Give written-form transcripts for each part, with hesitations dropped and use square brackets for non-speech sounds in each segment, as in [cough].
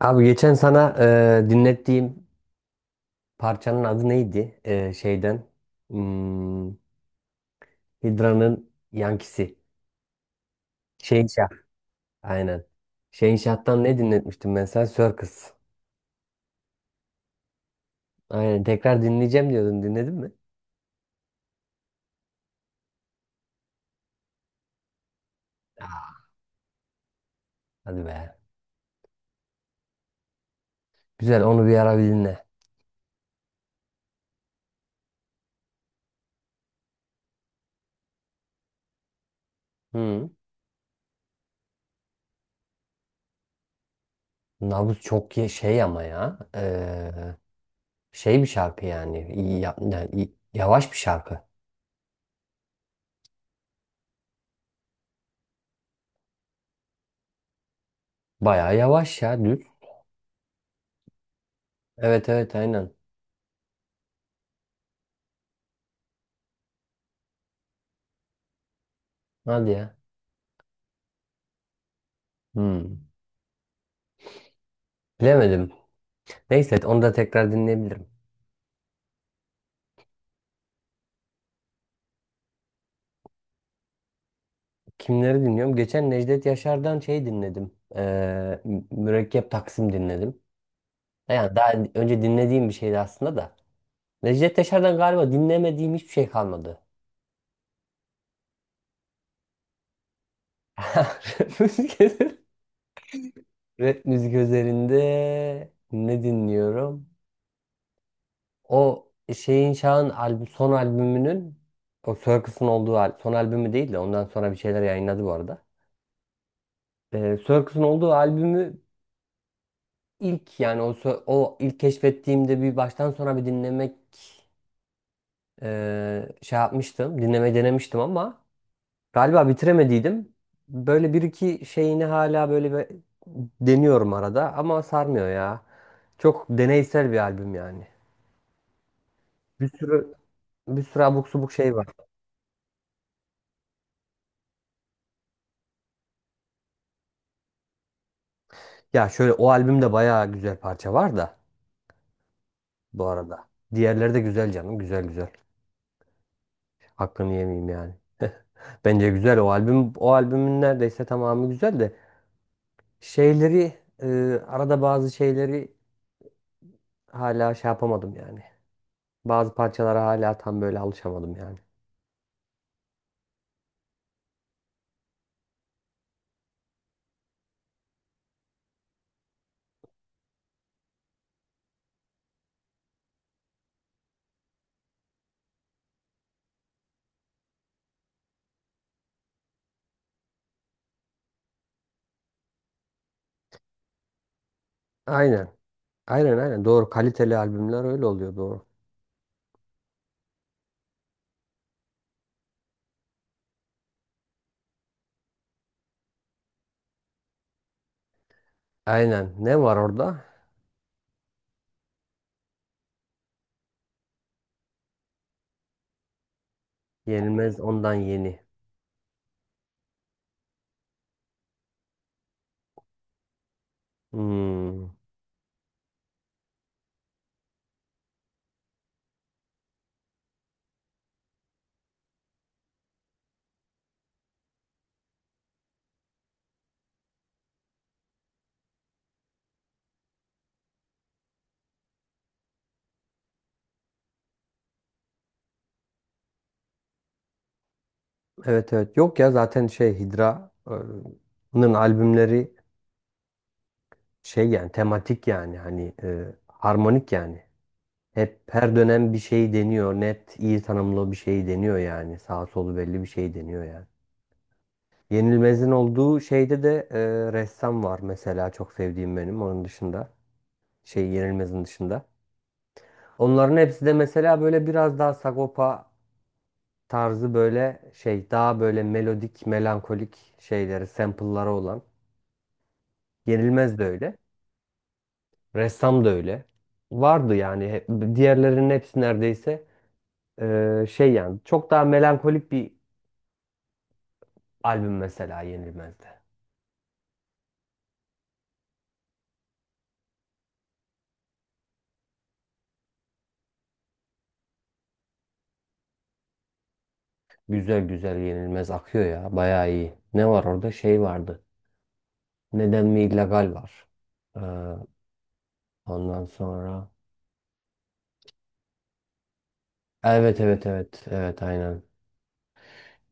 Abi geçen sana dinlettiğim parçanın adı neydi? E, şeyden. Hmm, Hidra'nın Yankisi. Şehinşah. Aynen. Şehinşah'tan ne dinletmiştim ben sana? Circus. Aynen. Tekrar dinleyeceğim diyordun. Dinledin mi? Aa, hadi be. Güzel. Onu bir ara bir dinle. Hı. Nabız çok ye- şey ama ya. E, şey bir şarkı yani. İyi ya- yani iyi- Yavaş bir şarkı. Bayağı yavaş ya. Düz. Evet evet aynen. Hadi ya. Hmm. Bilemedim. Neyse evet, onu da tekrar dinleyebilirim. Kimleri dinliyorum? Geçen Necdet Yaşar'dan şey dinledim. Mürekkep Taksim dinledim. Yani daha önce dinlediğim bir şeydi aslında da. Necdet Yaşar'dan galiba dinlemediğim hiçbir şey kalmadı. [laughs] Müzik üzerinde. Rap müzik üzerinde ne dinliyorum? O şeyin Şah'ın albüm, son albümünün o Circus'un olduğu al- son albümü değil de ondan sonra bir şeyler yayınladı bu arada. Circus'un olduğu albümü ilk yani o sö- o ilk keşfettiğimde bir baştan sona bir dinlemek şey yapmıştım. Dinlemeyi denemiştim ama galiba bitiremediydim. Böyle bir iki şeyini hala böyle bir deniyorum arada ama sarmıyor ya. Çok deneysel bir albüm yani. Bir sürü bir sürü abuk subuk şey var. Ya şöyle o albümde bayağı güzel parça var da bu arada. Diğerleri de güzel canım, güzel güzel. Hakkını yemeyeyim yani. Bence güzel o albüm. O albümün neredeyse tamamı güzel de Şeyleri e, arada bazı şeyleri hala şey yapamadım yani. Bazı parçalara hala tam böyle alışamadım yani. Aynen. Aynen aynen doğru. Kaliteli albümler öyle oluyor doğru. Aynen. Ne var orada? Yenilmez ondan yeni. Hmm. Evet evet. Yok ya zaten şey Hidra'nın albümleri şey yani tematik yani hani harmonik yani. Hep her dönem bir şey deniyor. Net iyi tanımlı bir şey deniyor yani. Sağ solu belli bir şey deniyor yani. Yenilmez'in olduğu şeyde de e, Ressam var mesela çok sevdiğim benim onun dışında. Şey Yenilmez'in dışında. Onların hepsi de mesela böyle biraz daha Sagopa tarzı böyle şey daha böyle melodik, melankolik şeyleri, sample'ları olan. Yenilmez de öyle. Ressam da öyle. Diğerlerinin hepsi neredeyse şey yani çok daha melankolik bir albüm mesela Yenilmez'de. Güzel güzel Yenilmez akıyor ya bayağı iyi. Ne var orada şey vardı. Neden mi illegal var? Ee, Ondan sonra. Evet evet evet evet aynen.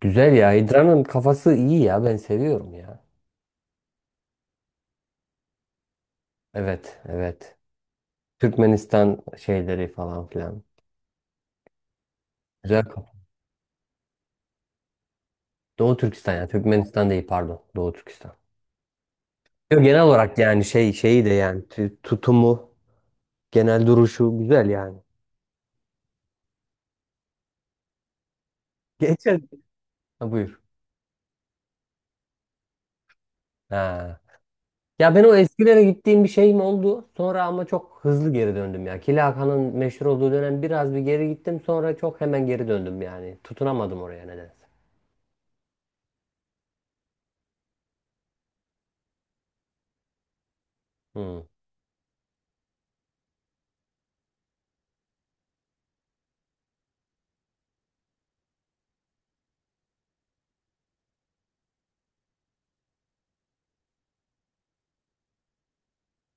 Güzel ya. Hidra'nın kafası iyi ya. Ben seviyorum ya. Evet evet. Türkmenistan şeyleri falan filan. Güzel kafa. Doğu Türkistan ya. Türkmenistan değil pardon. Doğu Türkistan. Yo, genel olarak yani şey şeyi de yani tü- tutumu, genel duruşu güzel yani. [laughs] Geçen. Ha, buyur. Ha. Ya ben o eskilere gittiğim bir şeyim oldu. Sonra ama çok hızlı geri döndüm ya. Killa Hakan'ın meşhur olduğu dönem biraz bir geri gittim. Sonra çok hemen geri döndüm yani. Tutunamadım oraya nedense. Hmm,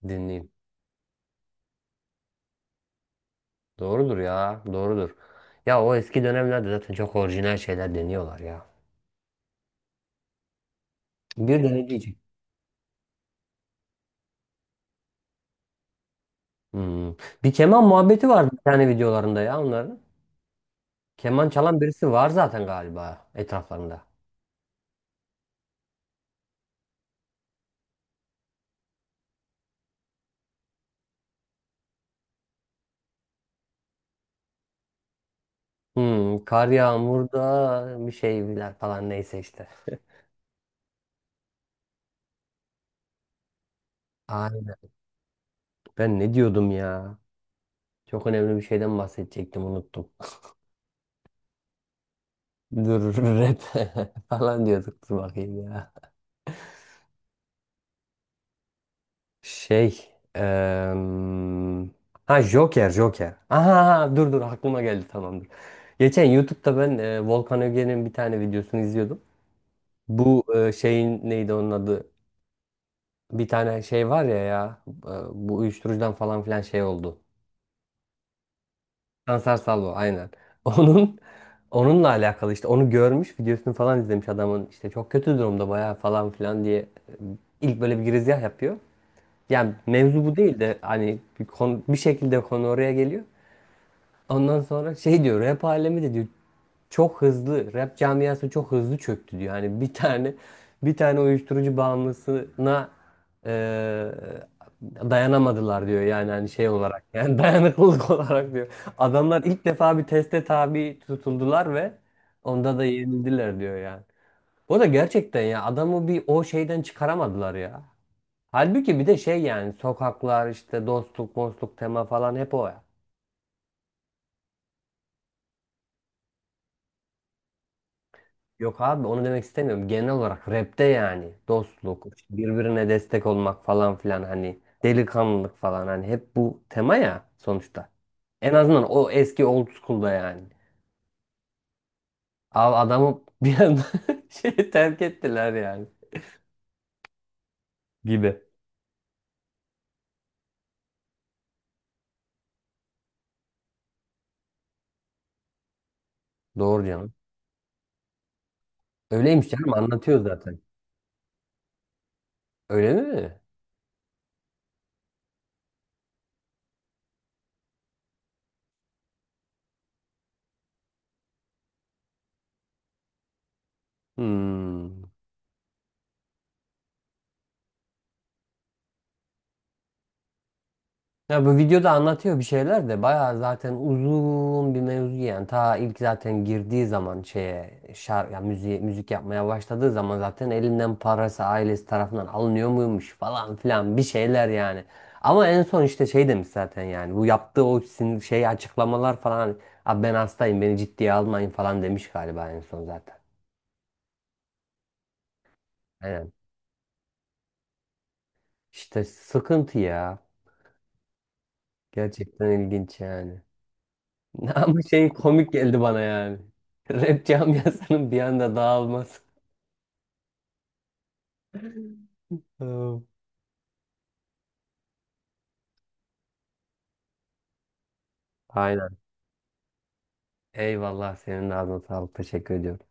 dinleyeyim. Doğrudur ya. Doğrudur. Ya o eski dönemlerde zaten çok orijinal şeyler deniyorlar ya. Bir deneyecek. Hmm. Bir keman muhabbeti var bir tane videolarında ya onların. Keman çalan birisi var zaten galiba etraflarında. Hmm, kar yağmurda bir şeyler falan neyse işte. Ben ne diyordum ya? Çok önemli bir şeyden bahsedecektim unuttum. Dur [laughs] rap [laughs] falan diyorduk dur bakayım ya. Şey em, ha Joker Joker. Aha dur dur aklıma geldi tamamdır. Geçen YouTube'da ben Volkan Öge'nin bir tane videosunu izliyordum. Bu e, şeyin neydi onun adı? Bir tane şey var ya bu uyuşturucudan falan filan şey oldu. Sansar Salvo aynen. [laughs] Onun Onunla alakalı işte onu görmüş videosunu falan izlemiş adamın işte çok kötü durumda bayağı falan filan diye e, ilk böyle bir girizgah yapıyor. Yani mevzu bu değil de hani bir, konu, bir şekilde konu oraya geliyor. Ondan sonra şey diyor rap alemi de diyor çok hızlı rap camiası çok hızlı çöktü diyor. Hani bir tane uyuşturucu bağımlısına eee, dayanamadılar diyor. Yani hani şey olarak yani [laughs] dayanıklılık olarak diyor. Adamlar ilk defa bir teste tabi tutuldular ve onda da yenildiler diyor yani. O da gerçekten ya adamı bir o şeyden çıkaramadılar ya. Halbuki bir de şey yani sokaklar işte dostluk, dostluk tema falan hep o. Yok abi onu demek istemiyorum. Genel olarak rapte yani dostluk, işte birbirine destek olmak falan filan hani delikanlılık falan hani hep bu tema ya sonuçta. En azından o eski old school'da yani. Abi adamı bir anda [laughs] şey terk ettiler yani gibi. Doğru canım. Öyleymiş canım anlatıyor zaten. Öyle mi? Hmm. Ya bu videoda anlatıyor bir şeyler de bayağı zaten uzun bir mevzu yani ta ilk zaten girdiği zaman şeye şar ya müziğe, müzik yapmaya başladığı zaman zaten elinden parası ailesi tarafından alınıyor muymuş falan filan bir şeyler yani. Ama en son işte şey demiş zaten yani bu yaptığı şey açıklamalar falan hani, abi ben hastayım beni ciddiye almayın falan demiş galiba en son zaten. Aynen. İşte sıkıntı ya. Gerçekten ilginç yani. [laughs] Ama şey komik geldi bana yani. Rap camiasının bir anda dağılması. Hmm. Aynen. Eyvallah senin de ağzına sağlık. Teşekkür ediyorum.